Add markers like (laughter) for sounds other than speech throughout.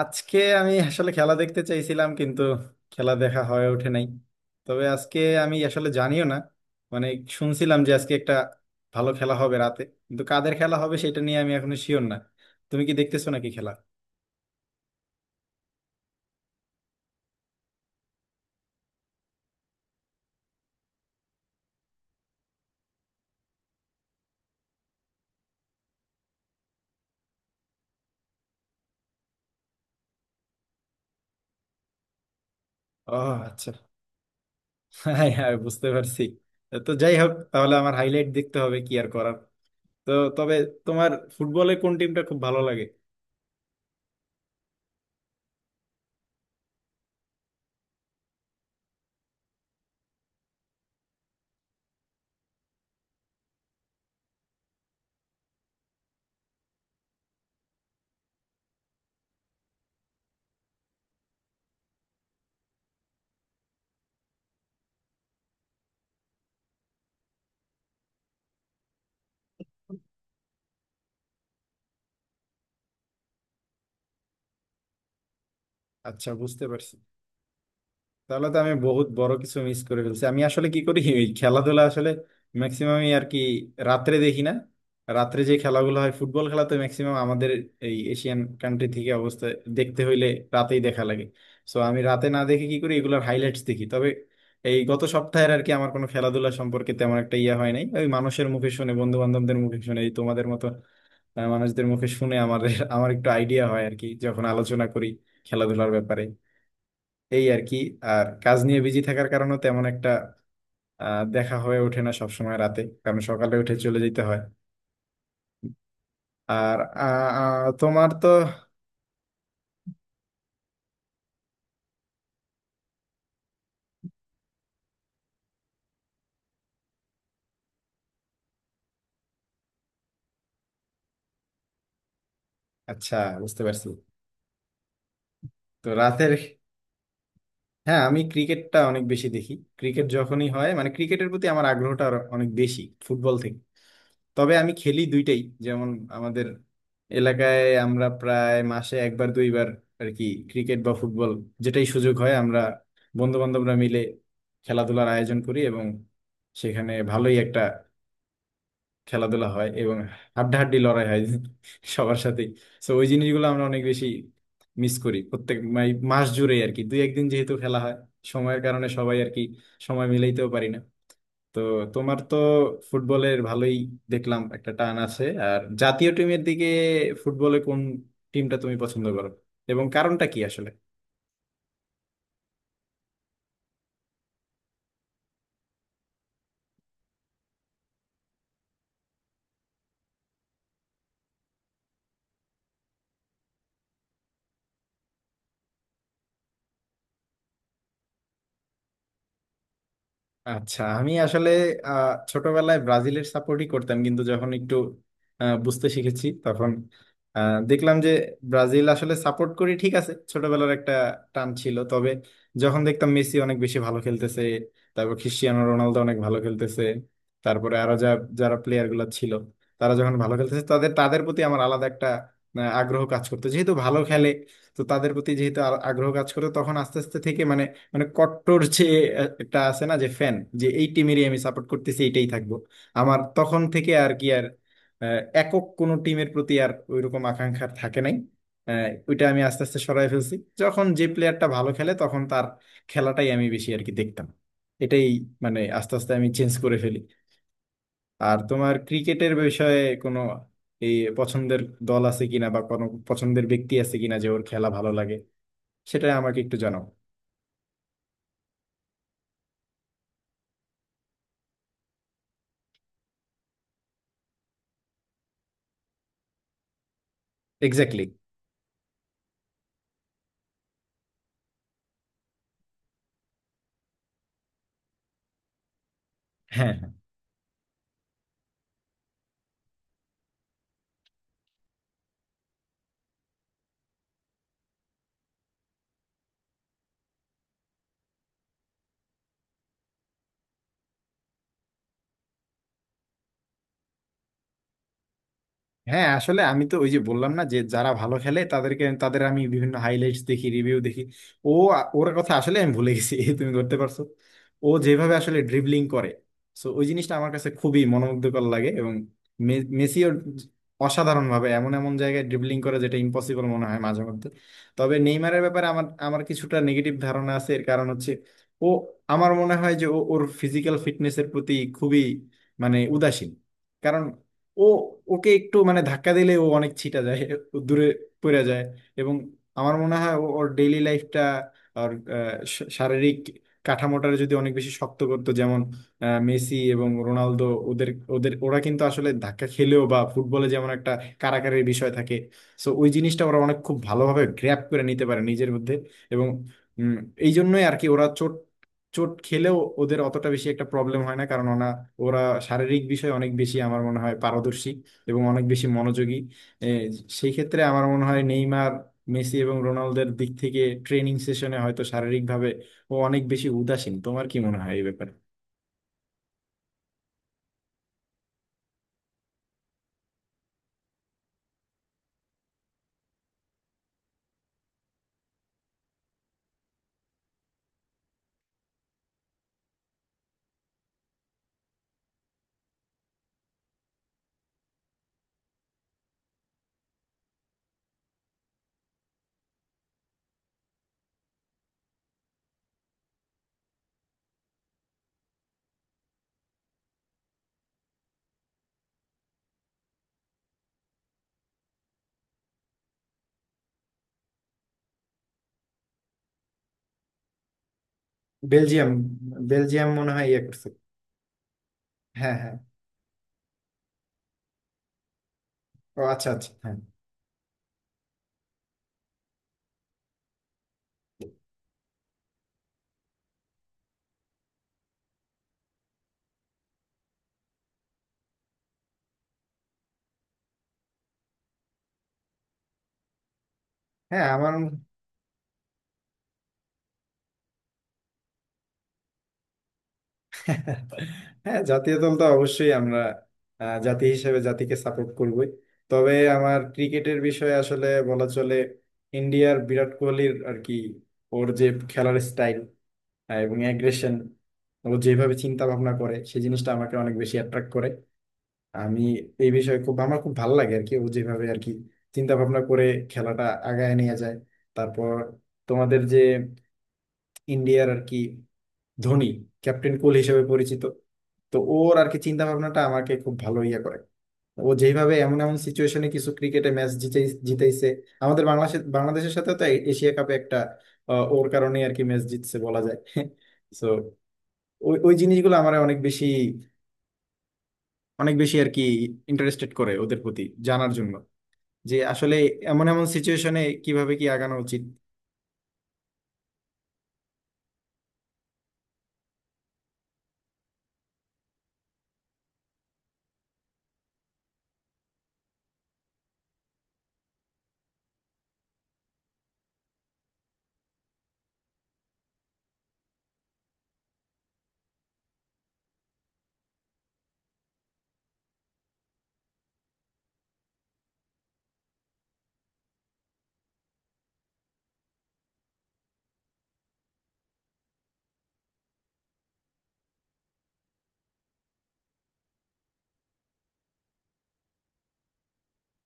আজকে আমি আসলে খেলা দেখতে চাইছিলাম, কিন্তু খেলা দেখা হয়ে ওঠে নাই। তবে আজকে আমি আসলে জানিও না, মানে শুনছিলাম যে আজকে একটা ভালো খেলা হবে রাতে, কিন্তু কাদের খেলা হবে সেটা নিয়ে আমি এখনো শিওর না। তুমি কি দেখতেছো নাকি খেলা? ও, আচ্ছা। হ্যাঁ, হ্যাঁ, বুঝতে পারছি। তো যাই হোক, তাহলে আমার হাইলাইট দেখতে হবে, কি আর করার। তো তবে তোমার ফুটবলে কোন টিমটা খুব ভালো লাগে? আচ্ছা বুঝতে পারছি। তাহলে তো আমি বহুত বড় কিছু মিস করে ফেলছি। আমি আসলে কি করি, ওই খেলাধুলা আসলে ম্যাক্সিমামই আর কি রাত্রে দেখি না। রাত্রে যে খেলাগুলো হয় ফুটবল খেলা তো ম্যাক্সিমাম আমাদের এই এশিয়ান কান্ট্রি থেকে অবস্থা দেখতে হইলে রাতেই দেখা লাগে। সো আমি রাতে না দেখে কি করি, এগুলোর হাইলাইটস দেখি। তবে এই গত সপ্তাহের আর কি আমার কোনো খেলাধুলা সম্পর্কে তেমন একটা ইয়ে হয় নাই, ওই মানুষের মুখে শুনে, বন্ধু বান্ধবদের মুখে শুনে, এই তোমাদের মতো মানুষদের মুখে শুনে আমার আমার একটু আইডিয়া হয় আর কি যখন আলোচনা করি খেলাধুলার ব্যাপারে এই আর কি। আর কাজ নিয়ে বিজি থাকার কারণে তেমন একটা দেখা হয়ে ওঠে না সবসময় রাতে, কারণ সকালে উঠে চলে যেতে হয়। আর আহ, আহ, তোমার তো। আচ্ছা বুঝতে পারছি। তো রাতের। হ্যাঁ আমি ক্রিকেটটা অনেক বেশি দেখি। ক্রিকেট যখনই হয়, মানে ক্রিকেটের প্রতি আমার আগ্রহটা আরো অনেক বেশি ফুটবল থেকে। তবে আমি খেলি দুইটাই। যেমন আমাদের এলাকায় আমরা প্রায় মাসে একবার দুইবার আর কি ক্রিকেট বা ফুটবল যেটাই সুযোগ হয় আমরা বন্ধু বান্ধবরা মিলে খেলাধুলার আয়োজন করি, এবং সেখানে ভালোই একটা খেলাধুলা হয় এবং হাড্ডাহাড্ডি লড়াই হয় (laughs) সবার সাথেই। তো ওই জিনিসগুলো আমরা অনেক বেশি মিস করি প্রত্যেক মানে মাস জুড়ে আর কি দুই একদিন যেহেতু খেলা হয়, সময়ের কারণে সবাই আর কি সময় মিলাইতেও পারি না। তো তোমার তো ফুটবলের ভালোই দেখলাম একটা টান আছে আর জাতীয় টিমের দিকে। ফুটবলে কোন টিমটা তুমি পছন্দ করো এবং কারণটা কি আসলে? আচ্ছা, আমি আসলে আহ, ছোটবেলায় ব্রাজিলের সাপোর্টই করতাম, কিন্তু যখন একটু বুঝতে শিখেছি তখন দেখলাম যে ব্রাজিল আসলে সাপোর্ট করি ঠিক আছে, ছোটবেলার একটা টান ছিল, তবে যখন দেখতাম মেসি অনেক বেশি ভালো খেলতেছে, তারপর ক্রিস্টিয়ানো রোনালদো অনেক ভালো খেলতেছে, তারপরে আরো যা যারা প্লেয়ার গুলো ছিল তারা যখন ভালো খেলতেছে তাদের তাদের প্রতি আমার আলাদা একটা আগ্রহ কাজ করতো যেহেতু ভালো খেলে। তো তাদের প্রতি যেহেতু আগ্রহ কাজ করতো তখন আস্তে আস্তে থেকে মানে মানে কট্টর যে একটা আছে না যে ফ্যান, যে এই টিমেরই আমি সাপোর্ট করতেছি এইটাই থাকবো, আমার তখন থেকে আর কি আর একক কোনো টিমের প্রতি আর ওইরকম আকাঙ্ক্ষা আর থাকে নাই। ওইটা আমি আস্তে আস্তে সরাই ফেলছি। যখন যে প্লেয়ারটা ভালো খেলে তখন তার খেলাটাই আমি বেশি আর কি দেখতাম, এটাই মানে আস্তে আস্তে আমি চেঞ্জ করে ফেলি। আর তোমার ক্রিকেটের বিষয়ে কোনো এই পছন্দের দল আছে কিনা, বা কোনো পছন্দের ব্যক্তি আছে কিনা যে ওর খেলা ভালো লাগে, সেটা আমাকে একটু জানাও। এক্স্যাক্টলি। হ্যাঁ, হ্যাঁ। হ্যাঁ আসলে আমি তো ওই যে বললাম না যে যারা ভালো খেলে তাদেরকে আমি বিভিন্ন হাইলাইটস দেখি রিভিউ দেখি। ও, ওর কথা আসলে আমি ভুলে গেছি (laughs) এই তুমি ধরতে পারছো। ও যেভাবে আসলে ড্রিবলিং করে সো ওই জিনিসটা আমার কাছে খুবই মনোমুগ্ধকর লাগে। এবং মেসিও অসাধারণ ভাবে এমন এমন জায়গায় ড্রিবলিং করে যেটা ইম্পসিবল মনে হয় মাঝে মধ্যে। তবে নেইমারের ব্যাপারে আমার আমার কিছুটা নেগেটিভ ধারণা আছে, এর কারণ হচ্ছে ও, আমার মনে হয় যে ওর ফিজিক্যাল ফিটনেসের প্রতি খুবই মানে উদাসীন। কারণ ও ওকে একটু মানে ধাক্কা দিলে ও অনেক ছিটা যায়, ও দূরে পড়ে যায়। এবং আমার মনে হয় ওর ডেইলি লাইফটা আর শারীরিক কাঠামোটার যদি অনেক বেশি শক্ত করতো যেমন মেসি এবং রোনালদো ওদের ওদের ওরা কিন্তু আসলে ধাক্কা খেলেও বা ফুটবলে যেমন একটা কারাকারির বিষয় থাকে সো ওই জিনিসটা ওরা অনেক খুব ভালোভাবে গ্র্যাপ করে নিতে পারে নিজের মধ্যে। এবং উম, এই জন্যই আর কি ওরা চোট চোট খেলেও ওদের অতটা বেশি একটা প্রবলেম হয় না, কারণ ওরা শারীরিক বিষয়ে অনেক বেশি আমার মনে হয় পারদর্শী এবং অনেক বেশি মনোযোগী। এ, সেই ক্ষেত্রে আমার মনে হয় নেইমার মেসি এবং রোনালদোর দিক থেকে ট্রেনিং সেশনে হয়তো শারীরিকভাবে ও অনেক বেশি উদাসীন। তোমার কি মনে হয় এই ব্যাপারে? বেলজিয়াম, মনে হয় ইয়ে করছে। হ্যাঁ, হ্যাঁ। ও আচ্ছা, আচ্ছা, হ্যাঁ। হ্যাঁ আমার। হ্যাঁ জাতীয় দল তো অবশ্যই আমরা জাতি হিসেবে জাতিকে সাপোর্ট করবই। তবে আমার ক্রিকেটের বিষয়ে আসলে বলা চলে ইন্ডিয়ার বিরাট কোহলির আর কি ওর যে খেলার স্টাইল এবং অ্যাগ্রেশন, ও যেভাবে চিন্তা ভাবনা করে সেই জিনিসটা আমাকে অনেক বেশি অ্যাট্রাক্ট করে। আমি এই বিষয়ে খুব খুব ভালো লাগে আর কি ও যেভাবে আর কি চিন্তা ভাবনা করে খেলাটা আগায় নিয়ে যায়। তারপর তোমাদের যে ইন্ডিয়ার আর কি ধোনি ক্যাপ্টেন কুল হিসেবে পরিচিত, তো ওর আর কি চিন্তা ভাবনাটা আমাকে খুব ভালো ইয়ে করে। ও যেভাবে এমন এমন সিচুয়েশনে কিছু ক্রিকেটে ম্যাচ জিতে জিতাইছে, আমাদের বাংলাদেশের বাংলাদেশের সাথে তো এশিয়া কাপে একটা ওর কারণে আর কি ম্যাচ জিতছে বলা যায় (laughs) সো ওই ওই জিনিসগুলো আমার অনেক বেশি আর কি ইন্টারেস্টেড করে ওদের প্রতি জানার জন্য যে আসলে এমন এমন সিচুয়েশনে কিভাবে কি আগানো উচিত।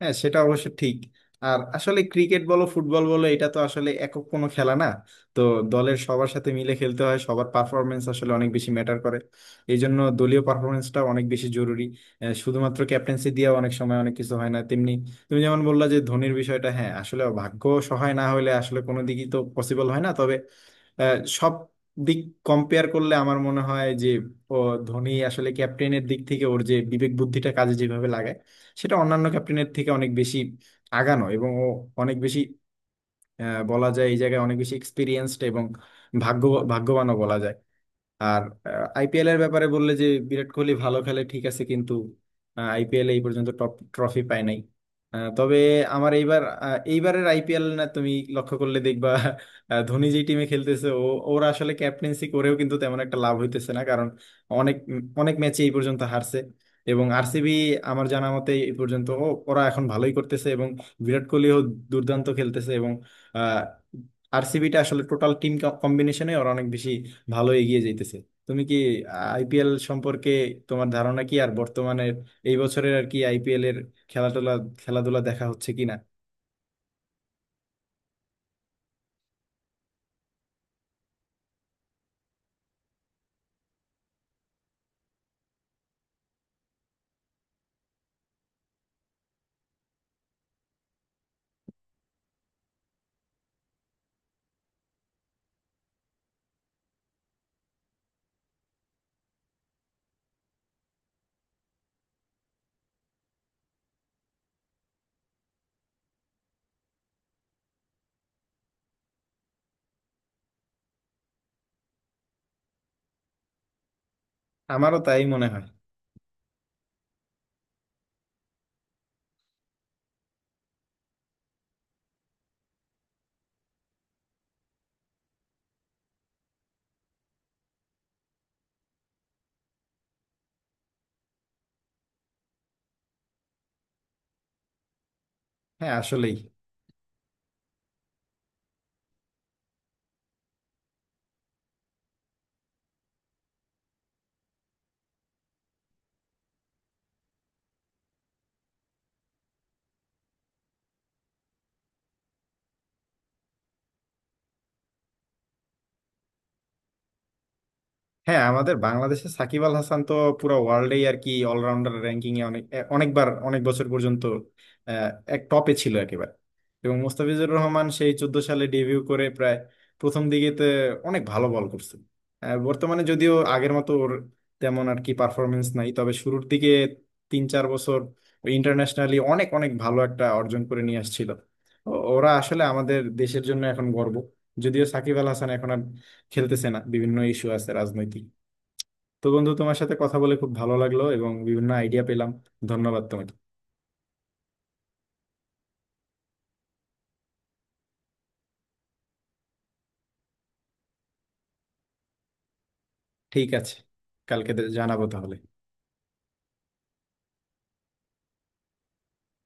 হ্যাঁ সেটা অবশ্য ঠিক। আর আসলে ক্রিকেট বলো ফুটবল বলো এটা তো আসলে একক কোনো খেলা না, তো দলের সবার সাথে মিলে খেলতে হয়, সবার পারফরমেন্স আসলে অনেক বেশি ম্যাটার করে। এই জন্য দলীয় পারফরমেন্সটা অনেক বেশি জরুরি। শুধুমাত্র ক্যাপ্টেন্সি দিয়ে অনেক সময় অনেক কিছু হয় না, তেমনি তুমি যেমন বললা যে ধোনির বিষয়টা, হ্যাঁ আসলে ভাগ্য সহায় না হলে আসলে কোনো দিকই তো পসিবল হয় না। তবে সব দিক কম্পেয়ার করলে আমার মনে হয় যে ও, ধোনি আসলে ক্যাপ্টেনের দিক থেকে ওর যে বিবেক বুদ্ধিটা কাজে যেভাবে লাগায় সেটা অন্যান্য ক্যাপ্টেনের থেকে অনেক বেশি আগানো, এবং ও অনেক বেশি বলা যায় এই জায়গায় অনেক বেশি এক্সপিরিয়েন্সড এবং ভাগ্য ভাগ্যবানও বলা যায়। আর আইপিএল এর ব্যাপারে বললে যে বিরাট কোহলি ভালো খেলে ঠিক আছে, কিন্তু আইপিএল এই পর্যন্ত টপ ট্রফি পায় নাই। তবে আমার এইবার এইবারের আইপিএল না তুমি লক্ষ্য করলে দেখবা ধোনি যে টিমে খেলতেছে ওরা আসলে ক্যাপ্টেন্সি করেও কিন্তু তেমন একটা লাভ হইতেছে না, কারণ অনেক অনেক ম্যাচে এই পর্যন্ত হারছে। এবং আরসিবি আমার জানা মতে এই পর্যন্ত ওরা এখন ভালোই করতেছে, এবং বিরাট কোহলিও দুর্দান্ত খেলতেছে, এবং আহ, আরসিবিটা আসলে টোটাল টিম কম্বিনেশনে ওরা অনেক বেশি ভালো এগিয়ে যাইতেছে। তুমি কি আইপিএল সম্পর্কে তোমার ধারণা কি আর বর্তমানের এই বছরের আর কি আইপিএল এর খেলাধুলা খেলাধুলা দেখা হচ্ছে কিনা? আমারও তাই মনে হয়। হ্যাঁ আসলেই। হ্যাঁ আমাদের বাংলাদেশে সাকিব আল হাসান তো পুরো ওয়ার্ল্ডেই আর কি অলরাউন্ডার র্যাঙ্কিং এ অনেক অনেকবার অনেক বছর পর্যন্ত আহ, এক টপে ছিল একেবারে। এবং মোস্তাফিজুর রহমান সেই 14 সালে ডেবিউ করে প্রায় প্রথম দিকেতে অনেক ভালো বল করছে। বর্তমানে যদিও আগের মতো ওর তেমন আর কি পারফরমেন্স নাই, তবে শুরুর দিকে 3-4 বছর ইন্টারন্যাশনালি অনেক অনেক ভালো একটা অর্জন করে নিয়ে আসছিল। ওরা আসলে আমাদের দেশের জন্য এখন গর্ব, যদিও সাকিব আল হাসান এখন আর খেলতেছে না, বিভিন্ন ইস্যু আছে রাজনৈতিক। তো বন্ধু তোমার সাথে কথা বলে খুব ভালো লাগলো এবং বিভিন্ন আইডিয়া পেলাম। ধন্যবাদ তোমাকে। ঠিক আছে, কালকে জানাবো তাহলে।